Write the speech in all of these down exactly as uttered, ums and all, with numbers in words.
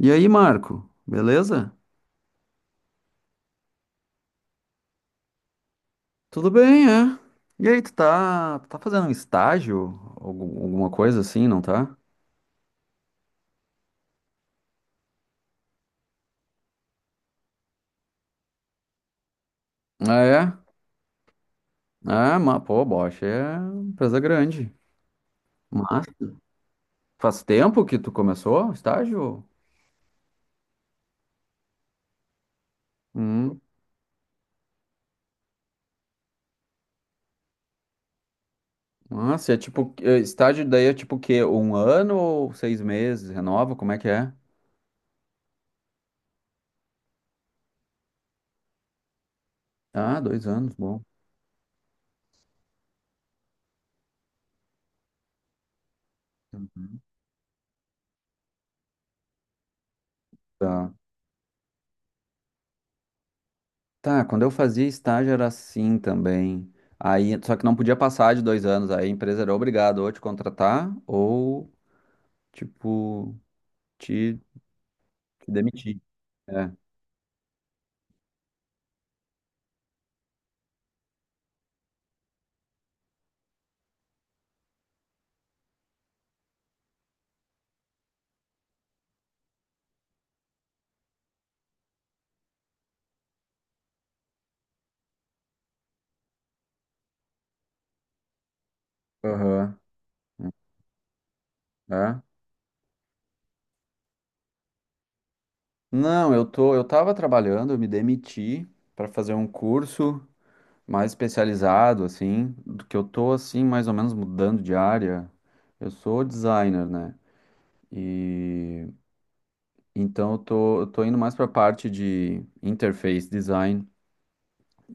E aí, Marco, beleza? Tudo bem, é? E aí, tu tá, tá fazendo um estágio? Algum- Alguma coisa assim, não tá? Ah, é? Ah, mas, pô, Bosch é empresa grande. Mas faz tempo que tu começou o estágio? Hum. Nossa, é tipo, é, estágio daí é tipo o quê? Um ano ou seis meses? Renova? Como é que é? Ah, dois anos, bom. Uhum. Tá. Tá, quando eu fazia estágio era assim também. Aí, só que não podia passar de dois anos. Aí a empresa era obrigada ou a te contratar ou, tipo, te, te demitir. É. Aham. É. Não, eu tô, eu tava trabalhando, eu me demiti para fazer um curso mais especializado, assim, do que eu tô, assim, mais ou menos mudando de área. Eu sou designer, né? E então eu tô, eu tô indo mais pra parte de interface design.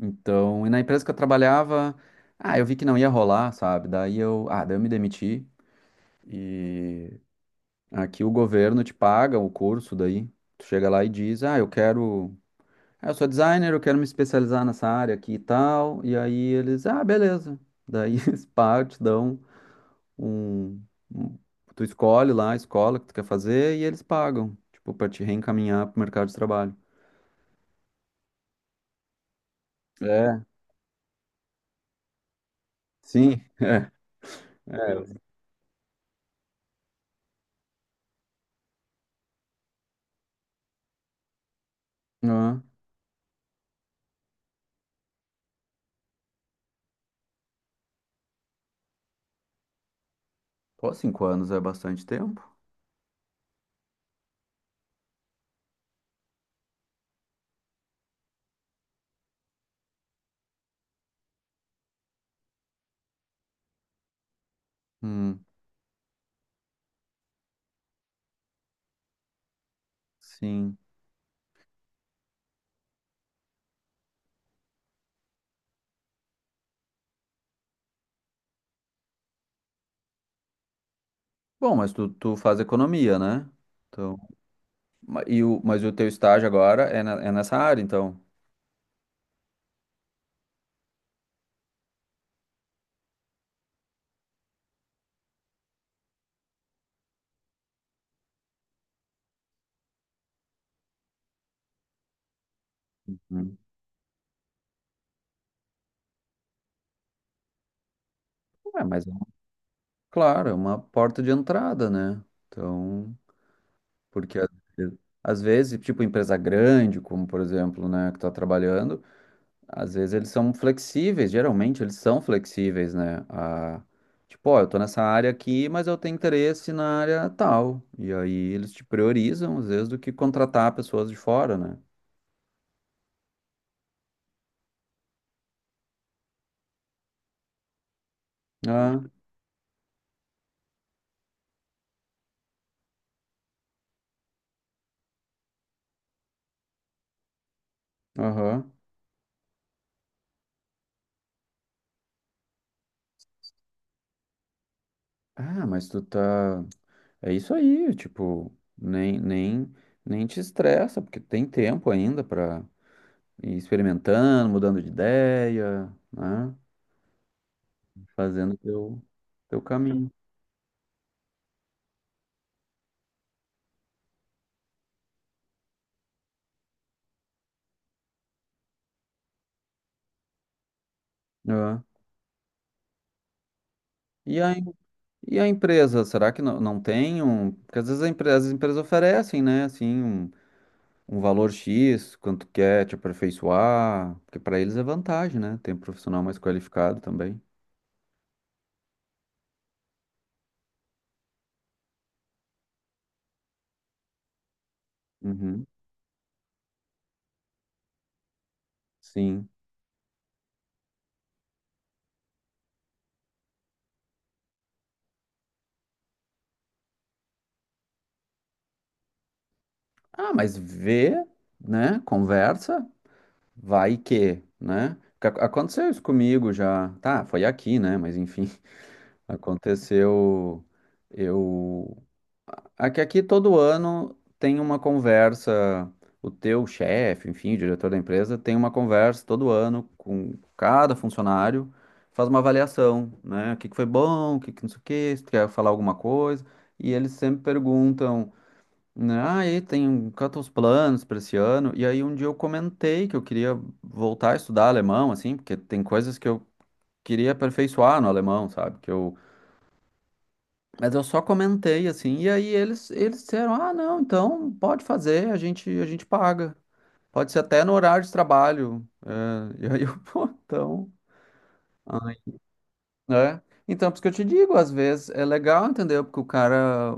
Então, e na empresa que eu trabalhava, ah, eu vi que não ia rolar, sabe? Daí eu, ah, daí eu me demiti e aqui o governo te paga o curso daí. Tu chega lá e diz, ah, eu quero, ah, eu sou designer, eu quero me especializar nessa área aqui e tal. E aí eles, ah, beleza. Daí eles pagam, te dão um, um- tu escolhe lá a escola que tu quer fazer e eles pagam, tipo, pra te reencaminhar pro mercado de trabalho. É, sim. É. Ah, pô, cinco anos é bastante tempo. Hum. Sim. Bom, mas tu, tu faz economia, né? Então, ma- e o, mas o teu estágio agora é, na- é nessa área, então. Uhum. É, mas é uma- claro, é uma porta de entrada, né? Então, porque às ve- às vezes, tipo, empresa grande, como por exemplo, né, que tá trabalhando, às vezes eles são flexíveis, geralmente eles são flexíveis, né? A, tipo, ó, eu tô nessa área aqui, mas eu tenho interesse na área tal. E aí eles te priorizam, às vezes, do que contratar pessoas de fora, né? Aham. Ah, mas tu tá. É isso aí, tipo, nem, nem, nem te estressa, porque tem tempo ainda pra ir experimentando, mudando de ideia, né? Fazendo teu, teu caminho. Ah. E a, em- e a empresa, será que não, não tem um. Porque às vezes a empre- as empresas oferecem, né, assim, um, um valor X, quanto quer te aperfeiçoar, porque pra eles é vantagem, né? Tem um profissional mais qualificado também. Uhum. Sim. Ah, mas vê, né? Conversa, vai que, né? Porque ac- aconteceu isso comigo já. Tá, foi aqui, né? Mas enfim, aconteceu. Eu. Aqui, aqui todo ano tem uma conversa. O teu chefe, enfim, o diretor da empresa, tem uma conversa todo ano com cada funcionário, faz uma avaliação, né? O que que foi bom, o que que não sei o quê, se tu quer falar alguma coisa. E eles sempre perguntam né, aí tem tantos planos para esse ano. E aí um dia eu comentei que eu queria voltar a estudar alemão, assim, porque tem coisas que eu queria aperfeiçoar no alemão, sabe? Que eu... Mas eu só comentei assim, e aí eles, eles disseram, ah, não, então pode fazer, a gente, a gente paga. Pode ser até no horário de trabalho. É, e aí eu, pô, então. Né? Então, por isso que eu te digo, às vezes é legal, entendeu? Porque o cara,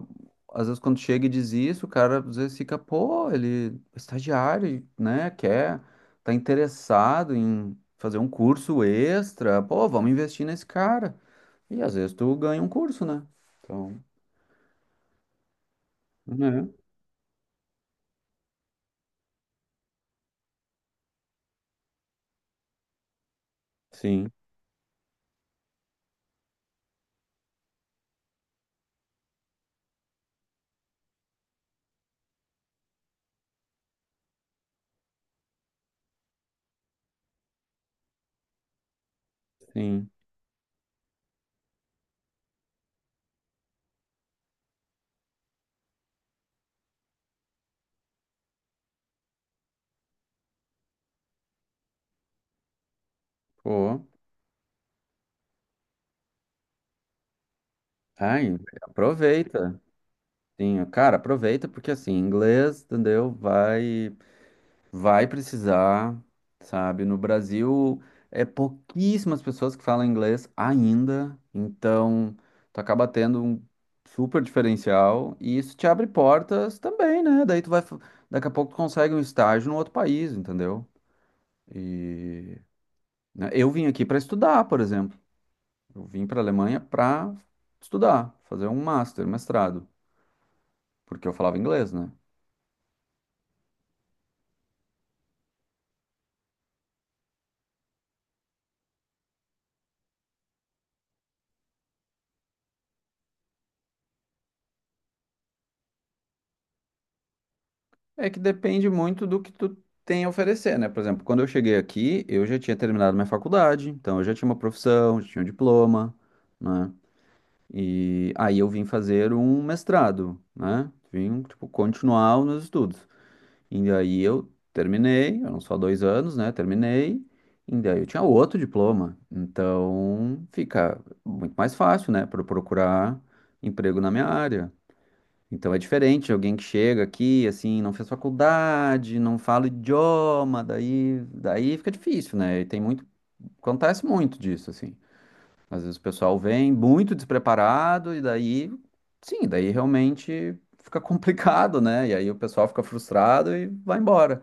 às vezes quando chega e diz isso, o cara às vezes fica, pô, ele é estagiário, né? Quer, tá interessado em fazer um curso extra, pô, vamos investir nesse cara. E às vezes tu ganha um curso, né? Então, né? Sim, sim. Pô, ai, aproveita. Sim, cara, aproveita porque assim, inglês, entendeu? Vai. Vai precisar, sabe? No Brasil, é pouquíssimas pessoas que falam inglês ainda, então tu acaba tendo um super diferencial e isso te abre portas também, né? Daí tu vai, f- daqui a pouco tu consegue um estágio no outro país, entendeu? E né, eu vim aqui para estudar, por exemplo. Eu vim para a Alemanha para estudar, fazer um master, mestrado, porque eu falava inglês, né? É que depende muito do que tu tem a oferecer, né? Por exemplo, quando eu cheguei aqui, eu já tinha terminado minha faculdade, então eu já tinha uma profissão, já tinha um diploma, né? E aí eu vim fazer um mestrado, né? Vim, tipo, continuar os meus estudos. E daí eu terminei, eram só dois anos, né? Terminei, e daí eu tinha outro diploma. Então fica muito mais fácil, né? Para procurar emprego na minha área. Então é diferente, alguém que chega aqui, assim, não fez faculdade, não fala idioma, daí, daí fica difícil, né? E tem muito, acontece muito disso, assim. Às vezes o pessoal vem muito despreparado e daí, sim, daí realmente fica complicado, né? E aí o pessoal fica frustrado e vai embora.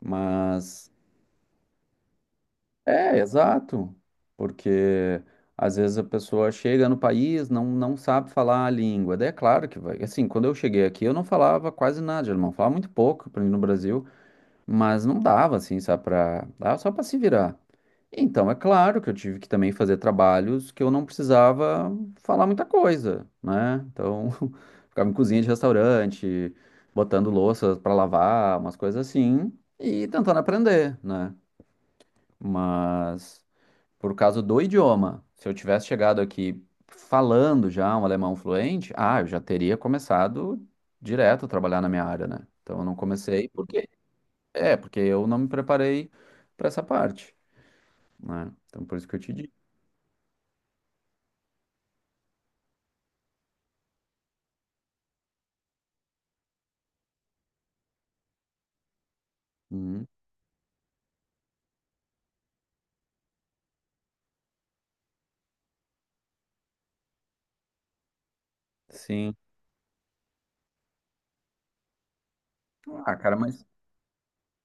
Mas é, exato. Porque às vezes a pessoa chega no país, não, não sabe falar a língua. Daí é claro que vai. Assim, quando eu cheguei aqui, eu não falava quase nada de alemão. Falava muito pouco, para mim no Brasil, mas não dava, assim, sabe, pra... Dava só para se virar. Então, é claro que eu tive que também fazer trabalhos que eu não precisava falar muita coisa, né? Então, ficava em cozinha de restaurante, botando louças para lavar, umas coisas assim, e tentando aprender, né? Mas por causa do idioma. Se eu tivesse chegado aqui falando já um alemão fluente, ah, eu já teria começado direto a trabalhar na minha área, né? Então eu não comecei porque é, porque eu não me preparei para essa parte, né? Então por isso que eu te digo. Uhum. Sim. Ah, cara, mas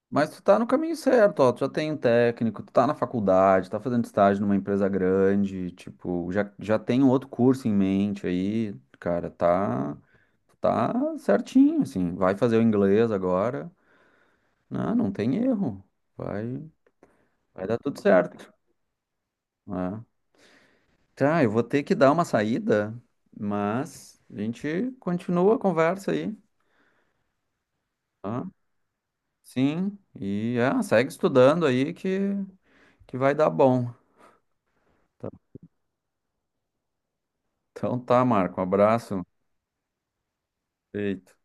Mas tu tá no caminho certo, ó. Tu já tem um técnico, tu tá na faculdade, tá fazendo estágio numa empresa grande, tipo, já, já tem um outro curso em mente aí, cara, tá, tá certinho, assim. Vai fazer o inglês agora. Não, não tem erro. Vai, vai dar tudo certo. Né? Tá, eu vou ter que dar uma saída, mas a gente continua a conversa aí, tá? Sim, e é, segue estudando aí que, que vai dar bom. Então tá, Marco. Um abraço. Feito.